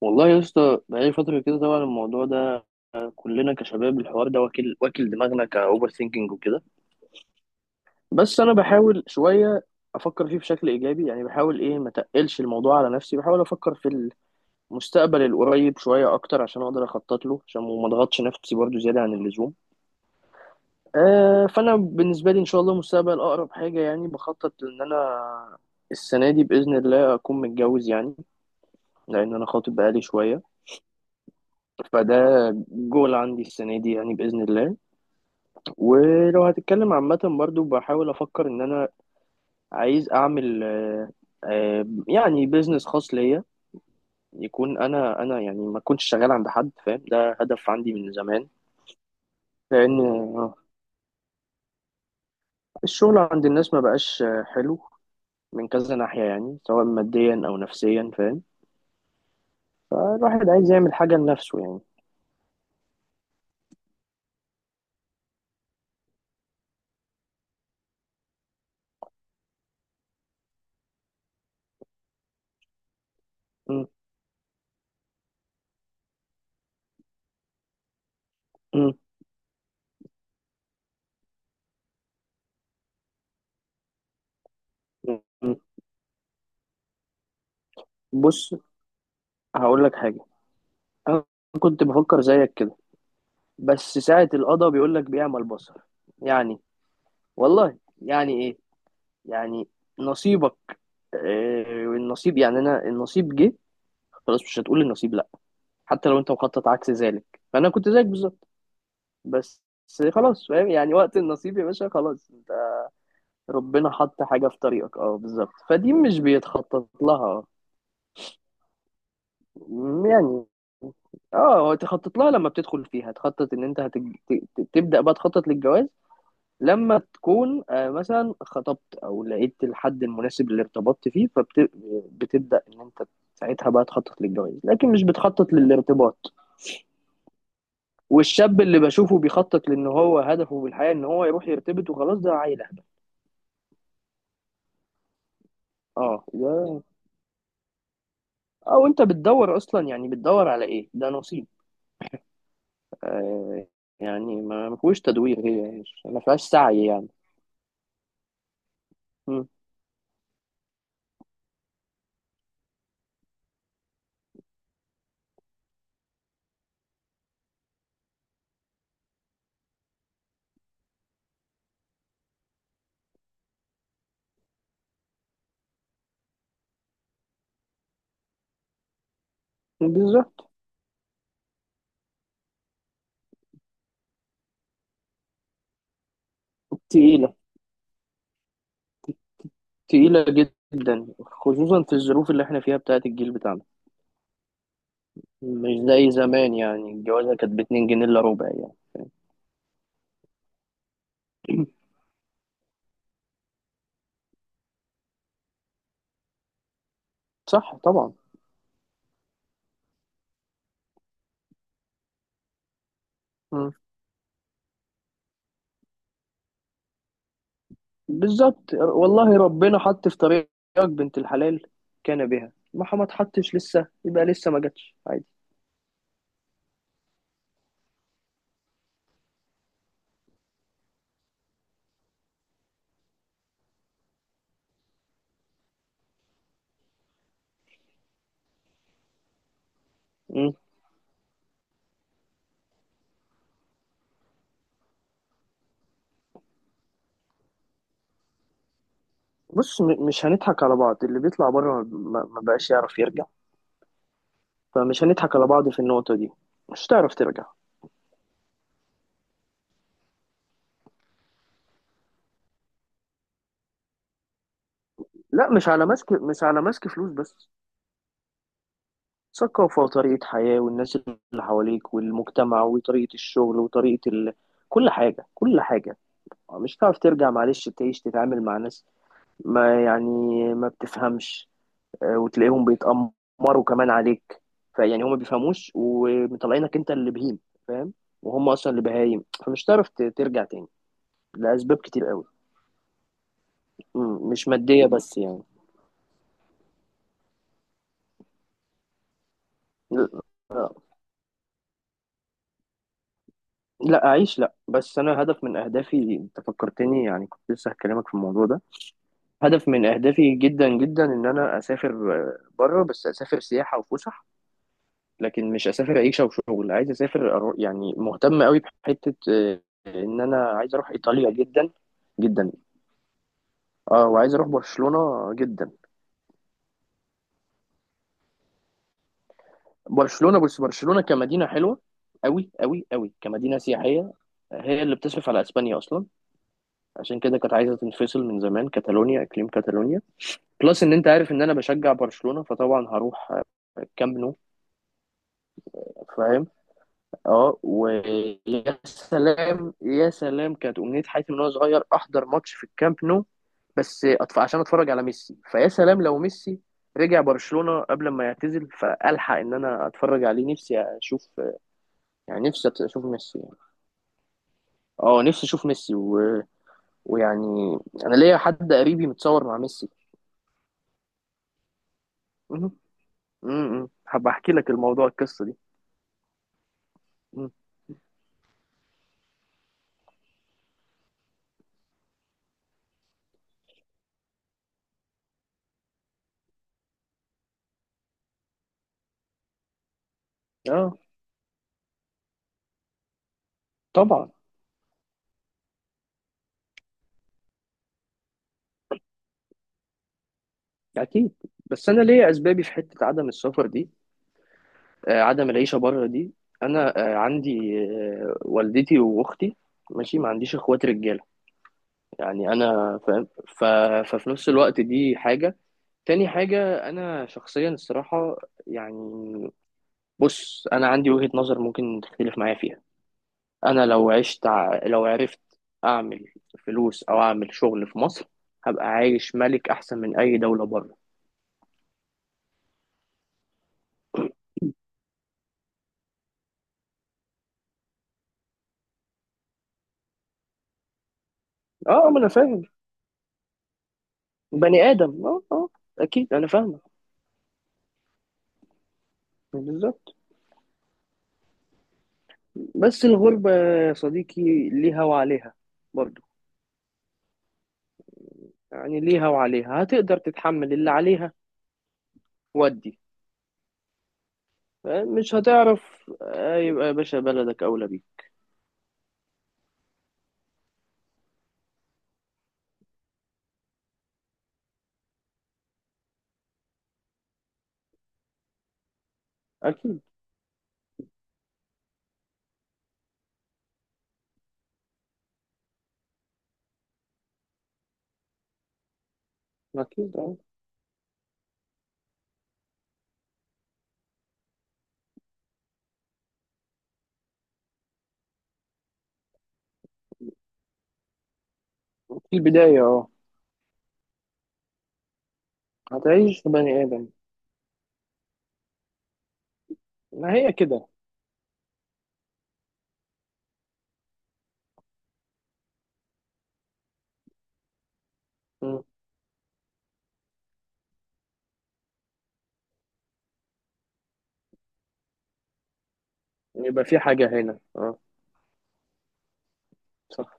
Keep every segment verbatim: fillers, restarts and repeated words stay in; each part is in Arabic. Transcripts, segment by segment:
والله يا اسطى بقالي فترة كده طبعا الموضوع ده، آه، كلنا كشباب الحوار ده واكل واكل دماغنا كأوفر ثينكينج وكده. بس أنا بحاول شوية أفكر فيه بشكل إيجابي، يعني بحاول إيه ما تقلش الموضوع على نفسي، بحاول أفكر في المستقبل القريب شوية أكتر عشان أقدر أخطط له، عشان ما أضغطش نفسي برضو زيادة عن اللزوم. آه، فأنا بالنسبة لي إن شاء الله مستقبل أقرب حاجة يعني بخطط إن أنا السنة دي بإذن الله أكون متجوز يعني، لأن أنا خاطب بقالي شوية. فده جول عندي السنة دي يعني بإذن الله. ولو هتتكلم عامة برضو بحاول أفكر إن أنا عايز أعمل آه، آه، يعني بيزنس خاص ليا، يكون أنا أنا يعني ما كنتش شغال عند حد، فاهم؟ ده هدف عندي من زمان. لأن آه، الشغل عند الناس ما بقاش آه، حلو من كذا ناحية، يعني سواء ماديا أو نفسيا، فاهم؟ فالواحد عايز يعمل حاجة لنفسه يعني. م- م- م- بص هقول لك حاجة. أنا كنت بفكر زيك كده، بس ساعة القضاء بيقول لك بيعمى البصر. يعني والله يعني ايه، يعني نصيبك. آه، النصيب، يعني انا النصيب جه خلاص، مش هتقول النصيب لا. حتى لو انت مخطط عكس ذلك، فانا كنت زيك بالظبط. بس خلاص، فاهم يعني؟ وقت النصيب يا باشا خلاص، انت ربنا حط حاجة في طريقك، اه بالظبط، فدي مش بيتخطط لها يعني. اه، هو تخطط لها لما بتدخل فيها، تخطط ان انت هتج... ت- ت- تبدأ بقى تخطط للجواز لما تكون آه، مثلا خطبت او لقيت الحد المناسب اللي ارتبطت فيه، فبتبدا ان انت ساعتها بقى تخطط للجواز، لكن مش بتخطط للارتباط. والشاب اللي بشوفه بيخطط لان هو هدفه في الحياه ان هو يروح يرتبط وخلاص، ده عيل أهبل. اه ده، او انت بتدور اصلا، يعني بتدور على ايه؟ ده نصيب. آه، يعني ما ما فيهوش تدوير، هي مش- ما فيهاش سعي يعني. مم. بالظبط. تقيله، تقيله جدا خصوصا في الظروف اللي احنا فيها بتاعت الجيل بتاعنا. مش زي زمان، يعني الجوازة كانت باتنين جنيه إلا ربع يعني. صح طبعا. مم. بالظبط، والله ربنا حط في طريقك بنت الحلال كان بها، ما ما حطش لسه يبقى لسه ما جاتش، عادي. مم. بص، م- مش هنضحك على بعض، اللي بيطلع بره ما ما بقاش يعرف يرجع. فمش هنضحك على بعض في النقطة دي، مش هتعرف ترجع. لا مش على ماسك، مش على ماسك فلوس بس، ثقافة وطريقة حياة، والناس اللي حواليك، والمجتمع، وطريقة الشغل، وطريقة ال... كل حاجة، كل حاجة. آه، مش هتعرف ترجع، معلش، تعيش تتعامل مع ناس ما يعني ما بتفهمش. آه، وتلاقيهم بيتأمروا كمان عليك. فيعني هم ما بيفهموش ومطلعينك انت اللي بهيم، فاهم؟ وهم اصلا اللي بهايم، فمش هتعرف ت- ترجع تاني. لأسباب كتير قوي، مم، مش مادية بس يعني. لا، آه، لا، أعيش لا، بس أنا هدف من أهدافي، أنت فكرتني، يعني كنت لسه هكلمك في الموضوع ده. هدف من أهدافي جدا جدا إن أنا أسافر آه، بره، بس أسافر سياحة وفسح. لكن مش اسافر عيشه وشغل، عايز اسافر أرو... يعني مهتم قوي بحته. آه، ان انا عايز اروح ايطاليا جدا جدا. اه وعايز اروح برشلونه جدا. برشلونه، بس برشلونه كمدينه حلوه قوي قوي قوي، كمدينه سياحيه. هي اللي بتصرف على اسبانيا اصلا، عشان كده كانت عايزه تنفصل من زمان، كاتالونيا، اقليم كاتالونيا. بلس ان انت عارف ان انا بشجع برشلونه، فطبعا هروح آه، الكامب نو، فاهم؟ اه، ويا سلام يا سلام، كانت امنيه حياتي من وانا صغير احضر ماتش في الكامب نو. بس أتف... عشان اتفرج على ميسي، فيا سلام لو ميسي رجع برشلونه قبل ما يعتزل، فالحق ان انا اتفرج عليه، نفسي اشوف يعني، نفسي اشوف ميسي يعني. اه نفسي اشوف ميسي و... ويعني انا ليا حد قريبي متصور مع ميسي. مهم. مهم. هبقى احكي لك الموضوع، القصه دي مهم. اه طبعا اكيد. بس انا ليا اسبابي في حته عدم السفر دي، آه، عدم العيشة بره دي. أنا آه، عندي آه، والدتي وأختي، ماشي، ما عنديش إخوات رجالة يعني، أنا فاهم. ف... ففي نفس الوقت دي حاجة. تاني حاجة أنا شخصيا الصراحة يعني، بص أنا عندي وجهة نظر ممكن تختلف معايا فيها. أنا لو عشت ع- لو عرفت أعمل فلوس أو أعمل شغل في مصر، هبقى عايش ملك أحسن من أي دولة بره. أه ما أنا فاهم. بني آدم أه، أه أكيد أنا فاهمك. بالظبط. بس الغربة يا صديقي ليها وعليها برضو، يعني ليها وعليها، هتقدر تتحمل اللي عليها؟ ودي مش هتعرف. آه، يبقى يا باشا بلدك أولى بيك. أكيد أكيد أه، في البداية أه. هتعيش في بني آدم. ما هي كده. مم. يبقى في حاجة هنا أه. صح،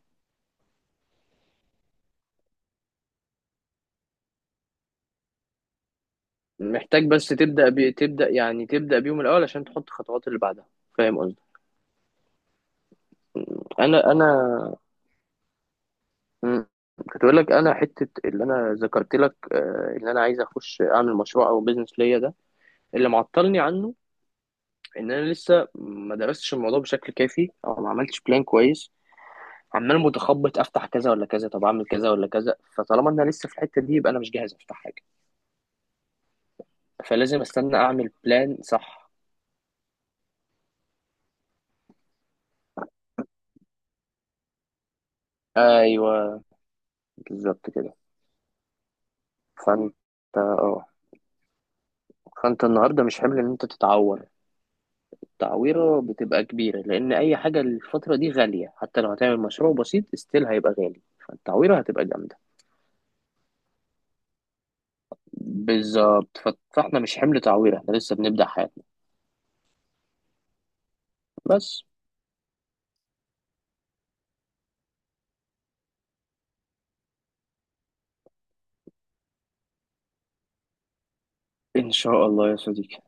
محتاج بس تبدأ ب... تبدأ يعني تبدأ بيهم الأول عشان تحط خطوات اللي بعدها، فاهم قصدي؟ أنا أنا مم. كنت بقول لك انا حته اللي انا ذكرت لك، آه، ان انا عايز اخش اعمل مشروع او بيزنس ليا ده، اللي معطلني عنه ان انا لسه ما درستش الموضوع بشكل كافي او ما عملتش بلان كويس. عمال متخبط، افتح كذا ولا كذا، طب اعمل كذا ولا كذا، فطالما انا لسه في الحته دي يبقى انا مش جاهز افتح حاجه. فلازم استنى اعمل بلان صح. ايوه بالظبط كده. فانت اه فانت النهارده مش حمل ان انت تتعور. تعويرة بتبقى كبيرة، لأن أي حاجة الفترة دي غالية، حتى لو هتعمل مشروع بسيط استيل هيبقى غالي، فالتعويرة هتبقى جامدة. بالظبط. ف- فاحنا مش حمل تعويرة، احنا لسه بنبدأ حياتنا. بس إن شاء الله يا صديقي.